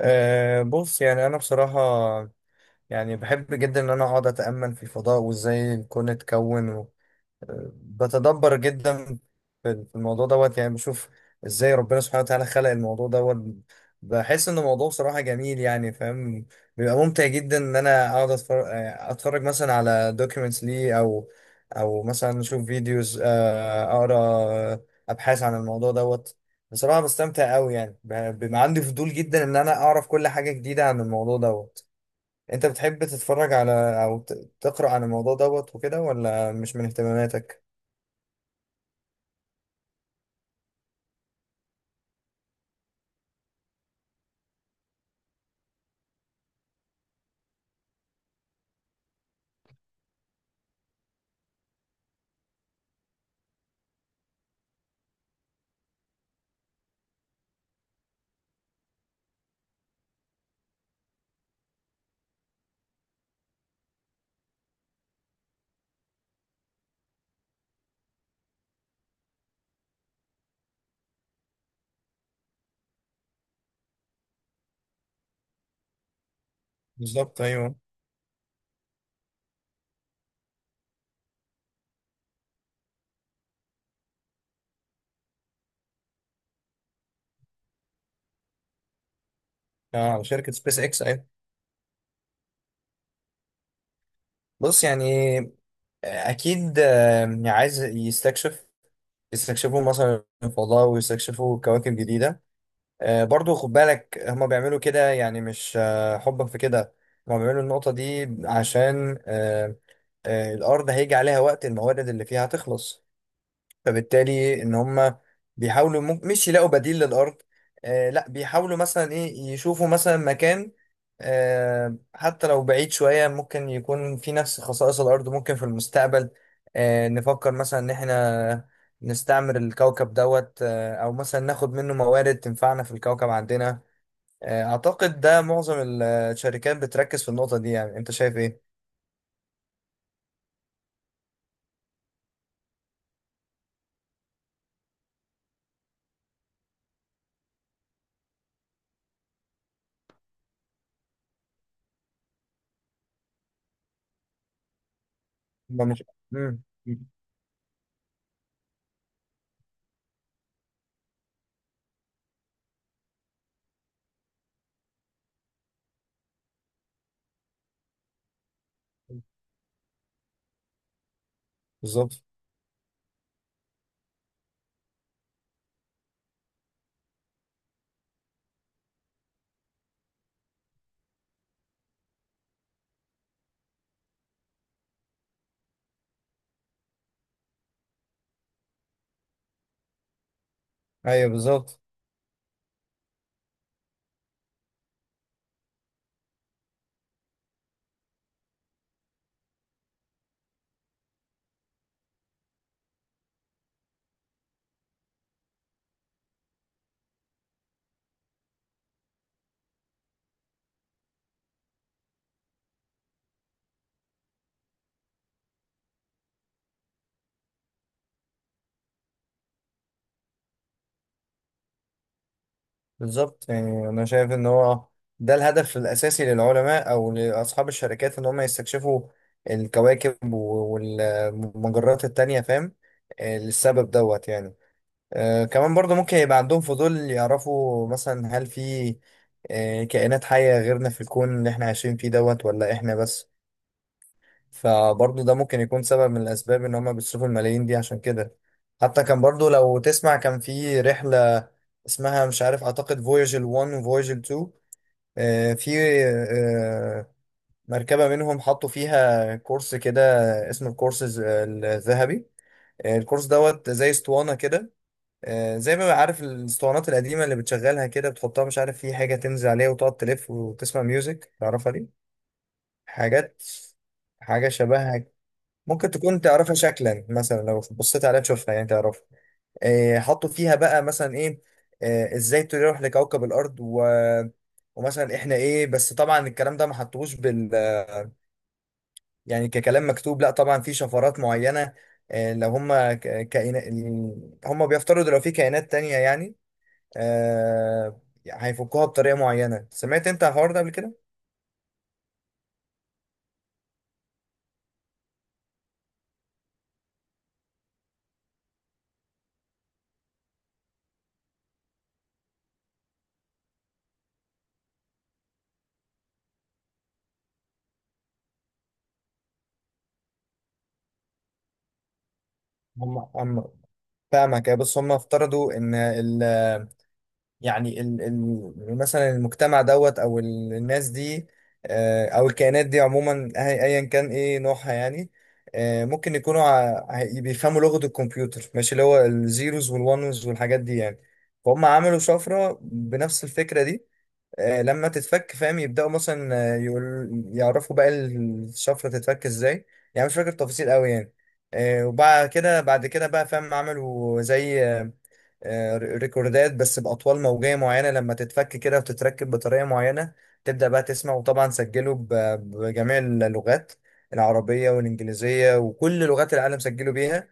أه، بص. يعني أنا بصراحة، يعني بحب جدا إن أنا أقعد أتأمل في الفضاء وإزاي الكون اتكون. بتدبر جدا في الموضوع دوت. يعني بشوف ازاي ربنا سبحانه وتعالى خلق الموضوع دوت. بحس ان الموضوع صراحة جميل، يعني فاهم. بيبقى ممتع جدا ان انا اقعد اتفرج مثلا على دوكيومنتس ليه، او مثلا اشوف فيديوز، اقرا ابحاث عن الموضوع دوت. بصراحة بستمتع قوي، يعني بيبقى عندي فضول جدا ان انا اعرف كل حاجة جديدة عن الموضوع دوت. انت بتحب تتفرج على او تقرأ عن الموضوع دوت وكده ولا مش من اهتماماتك؟ بالظبط ايوه. اه، شركه سبيس اكس، ايوه. بص يعني اكيد. عايز يستكشفوا مثلا الفضاء ويستكشفوا كواكب جديده. برضو خد بالك هما بيعملوا كده، يعني مش حبا في كده. هما بيعملوا النقطه دي عشان الارض هيجي عليها وقت الموارد اللي فيها هتخلص. فبالتالي ان هم بيحاولوا مش يلاقوا بديل للارض. لا، بيحاولوا مثلا ايه يشوفوا مثلا مكان، حتى لو بعيد شوية ممكن يكون في نفس خصائص الارض. ممكن في المستقبل نفكر مثلا ان احنا نستعمر الكوكب دوت، او مثلا ناخد منه موارد تنفعنا في الكوكب عندنا. اعتقد ده معظم الشركات بتركز في النقطة دي. يعني انت شايف ايه؟ ما مش. مم. بالظبط ايوه. بالظبط يعني انا شايف ان هو ده الهدف الاساسي للعلماء او لاصحاب الشركات ان هم يستكشفوا الكواكب والمجرات التانية، فاهم. للسبب دوت. يعني كمان برضه ممكن يبقى عندهم فضول يعرفوا مثلا هل في كائنات حية غيرنا في الكون اللي احنا عايشين فيه دوت ولا احنا بس. فبرضه ده ممكن يكون سبب من الأسباب إن هما بيصرفوا الملايين دي عشان كده. حتى كان برضه لو تسمع، كان في رحلة اسمها مش عارف، أعتقد فوياجل 1 وفوياجل 2. آه، في آه، مركبة منهم حطوا فيها كورس كده اسمه الكورس الذهبي. الكورس دوت زي اسطوانة كده. زي ما عارف الاسطوانات القديمة اللي بتشغلها كده، بتحطها مش عارف في حاجة تنزل عليها وتقعد تلف وتسمع ميوزك تعرفها دي حاجات حاجة شبهها. ممكن تكون تعرفها شكلا، مثلا لو بصيت عليها تشوفها يعني تعرفها. إيه حطوا فيها بقى مثلا ايه. إيه ازاي تروح لكوكب الارض ومثلا احنا ايه. بس طبعا الكلام ده ما حطوش بال، يعني ككلام مكتوب. لا طبعا في شفرات معينة. إيه لو هم كائنات، هم بيفترضوا لو في كائنات تانية يعني آه... هيفكوها بطريقة معينة. سمعت انت الحوار ده قبل كده؟ هم فاهمك، بس هم افترضوا ان يعني ال مثلا المجتمع دوت او الناس دي، او الكائنات دي عموما ايا كان ايه نوعها يعني. ممكن يكونوا بيفهموا لغة الكمبيوتر، ماشي، اللي هو الزيروز والونز والحاجات دي يعني. فهم عملوا شفرة بنفس الفكرة دي. لما تتفك فاهم، يبدأوا مثلا آه، يقول يعرفوا بقى الشفرة تتفك ازاي. يعني مش فاكر التفاصيل قوي يعني. آه، وبعد كده بعد كده بقى فاهم عملوا زي ريكوردات بس بأطوال موجية معينة، لما تتفك كده وتتركب بطريقة معينة تبدأ بقى تسمع. وطبعا سجله بجميع اللغات، العربية والإنجليزية وكل لغات العالم سجلوا بيها،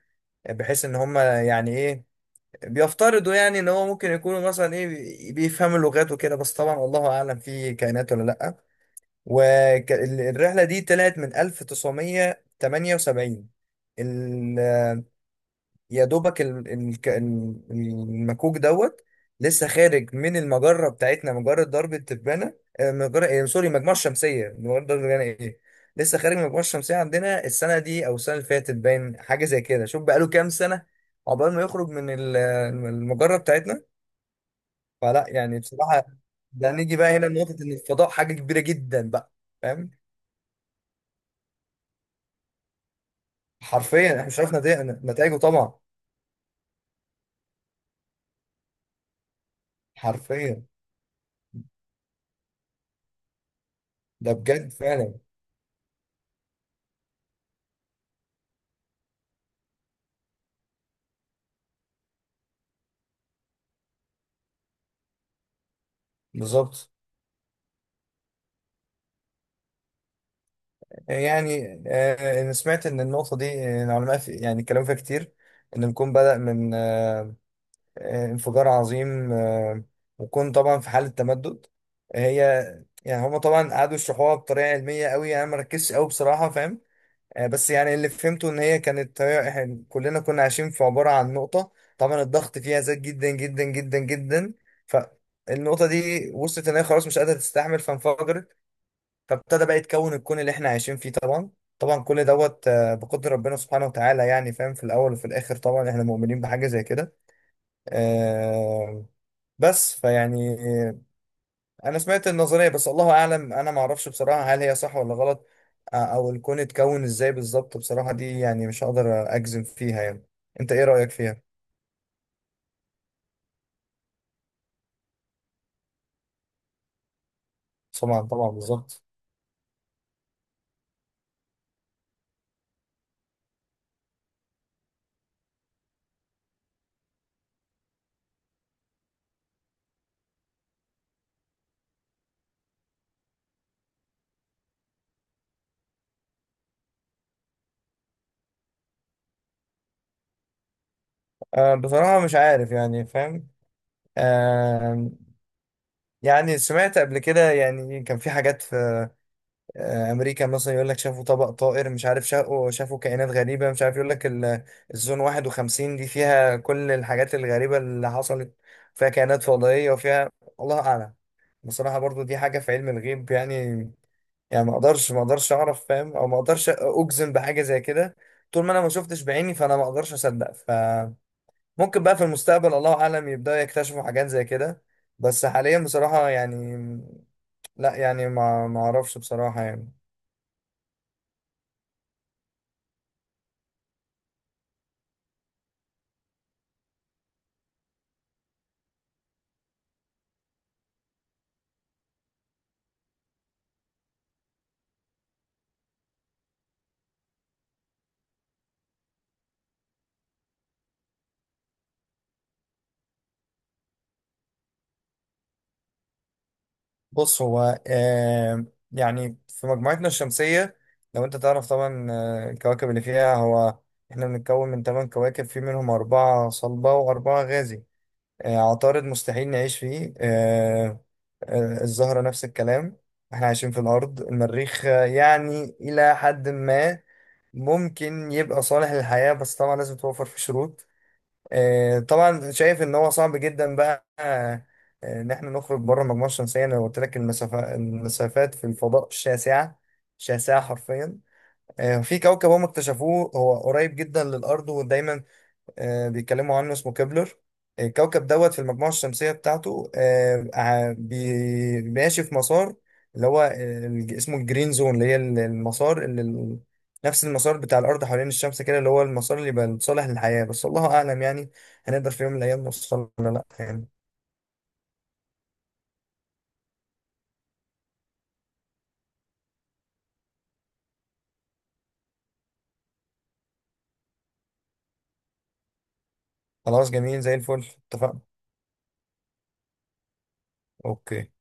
بحيث إن هم يعني إيه بيفترضوا يعني إن هو ممكن يكونوا مثلا إيه بيفهموا اللغات وكده. بس طبعا الله أعلم في كائنات ولا لأ. والرحلة دي طلعت من 1978. يا دوبك المكوك دوت لسه خارج من المجرة بتاعتنا، مجرة درب التبانة. مجرة سوري، مجموعة الشمسية، مجرة درب التبانة إيه. لسه خارج من المجموعة الشمسية عندنا السنة دي أو السنة اللي فاتت، باين حاجة زي كده. شوف بقاله كام سنة عقبال ما يخرج من المجرة بتاعتنا. فلا يعني بصراحة، ده نيجي بقى هنا لنقطة إن الفضاء حاجة كبيرة جدا بقى، فاهم. حرفيا إحنا مش عارف نتائجه طبعا. حرفيا. ده بجد فعلا. بالظبط يعني. أنا سمعت إن النقطة دي العلماء في يعني كلام فيها كتير. إن الكون بدأ من انفجار عظيم وكون طبعا في حالة تمدد هي. يعني هما طبعا قعدوا يشرحوها بطريقة علمية قوي، أنا مركزش قوي بصراحة، فاهم. بس يعني اللي فهمته إن إحنا كلنا كنا عايشين في عبارة عن نقطة. طبعا الضغط فيها زاد جدا جدا جدا جدا، فالنقطة دي وصلت إن هي خلاص مش قادرة تستحمل فانفجرت، فابتدى بقى يتكون الكون اللي احنا عايشين فيه طبعا. طبعا كل دوت بقدر ربنا سبحانه وتعالى، يعني فاهم، في الاول وفي الاخر طبعا احنا مؤمنين بحاجه زي كده. آه، بس فيعني آه، انا سمعت النظريه بس الله اعلم. انا ما اعرفش بصراحه هل هي صح ولا غلط او الكون اتكون ازاي بالظبط، بصراحه دي يعني مش هقدر اجزم فيها يعني. انت ايه رايك فيها؟ طبعا طبعا بالظبط. بصراحه مش عارف يعني فاهم. آه، يعني سمعت قبل كده يعني كان في حاجات في امريكا مثلا يقول لك شافوا طبق طائر مش عارف، شافوا كائنات غريبه، مش عارف يقول لك الزون 51 دي فيها كل الحاجات الغريبه اللي حصلت، فيها كائنات فضائيه وفيها الله اعلم. بصراحه برضو دي حاجه في علم الغيب يعني. يعني ما اقدرش اعرف فاهم، او ما اقدرش اجزم بحاجه زي كده. طول ما انا ما شفتش بعيني فانا ما اقدرش اصدق. فممكن بقى في المستقبل الله اعلم يبداوا يكتشفوا حاجات زي كده. بس حاليا بصراحه يعني لا يعني ما اعرفش بصراحه يعني. بص هو يعني في مجموعتنا الشمسية، لو انت تعرف طبعا الكواكب اللي فيها. هو احنا بنتكون من ثمان كواكب، في منهم أربعة صلبة وأربعة غازي. عطارد مستحيل نعيش فيه. الزهرة نفس الكلام. احنا عايشين في الأرض. المريخ يعني إلى حد ما ممكن يبقى صالح للحياة، بس طبعا لازم توفر فيه شروط. طبعا شايف ان هو صعب جدا بقى ان احنا نخرج بره المجموعه الشمسيه. انا قلت لك المسافات في الفضاء شاسعه شاسعه حرفيا. في كوكب هم اكتشفوه هو قريب جدا للارض، ودايما بيتكلموا عنه اسمه كبلر. الكوكب دوت في المجموعة الشمسية بتاعته ماشي في مسار اللي هو اسمه الجرين زون اللي هي نفس المسار بتاع الأرض حوالين الشمس كده، اللي هو المسار اللي يبقى صالح للحياة. بس الله أعلم يعني هنقدر في يوم من الأيام نوصل ولا لأ يعني. خلاص جميل زي الفل، اتفقنا. أوكي.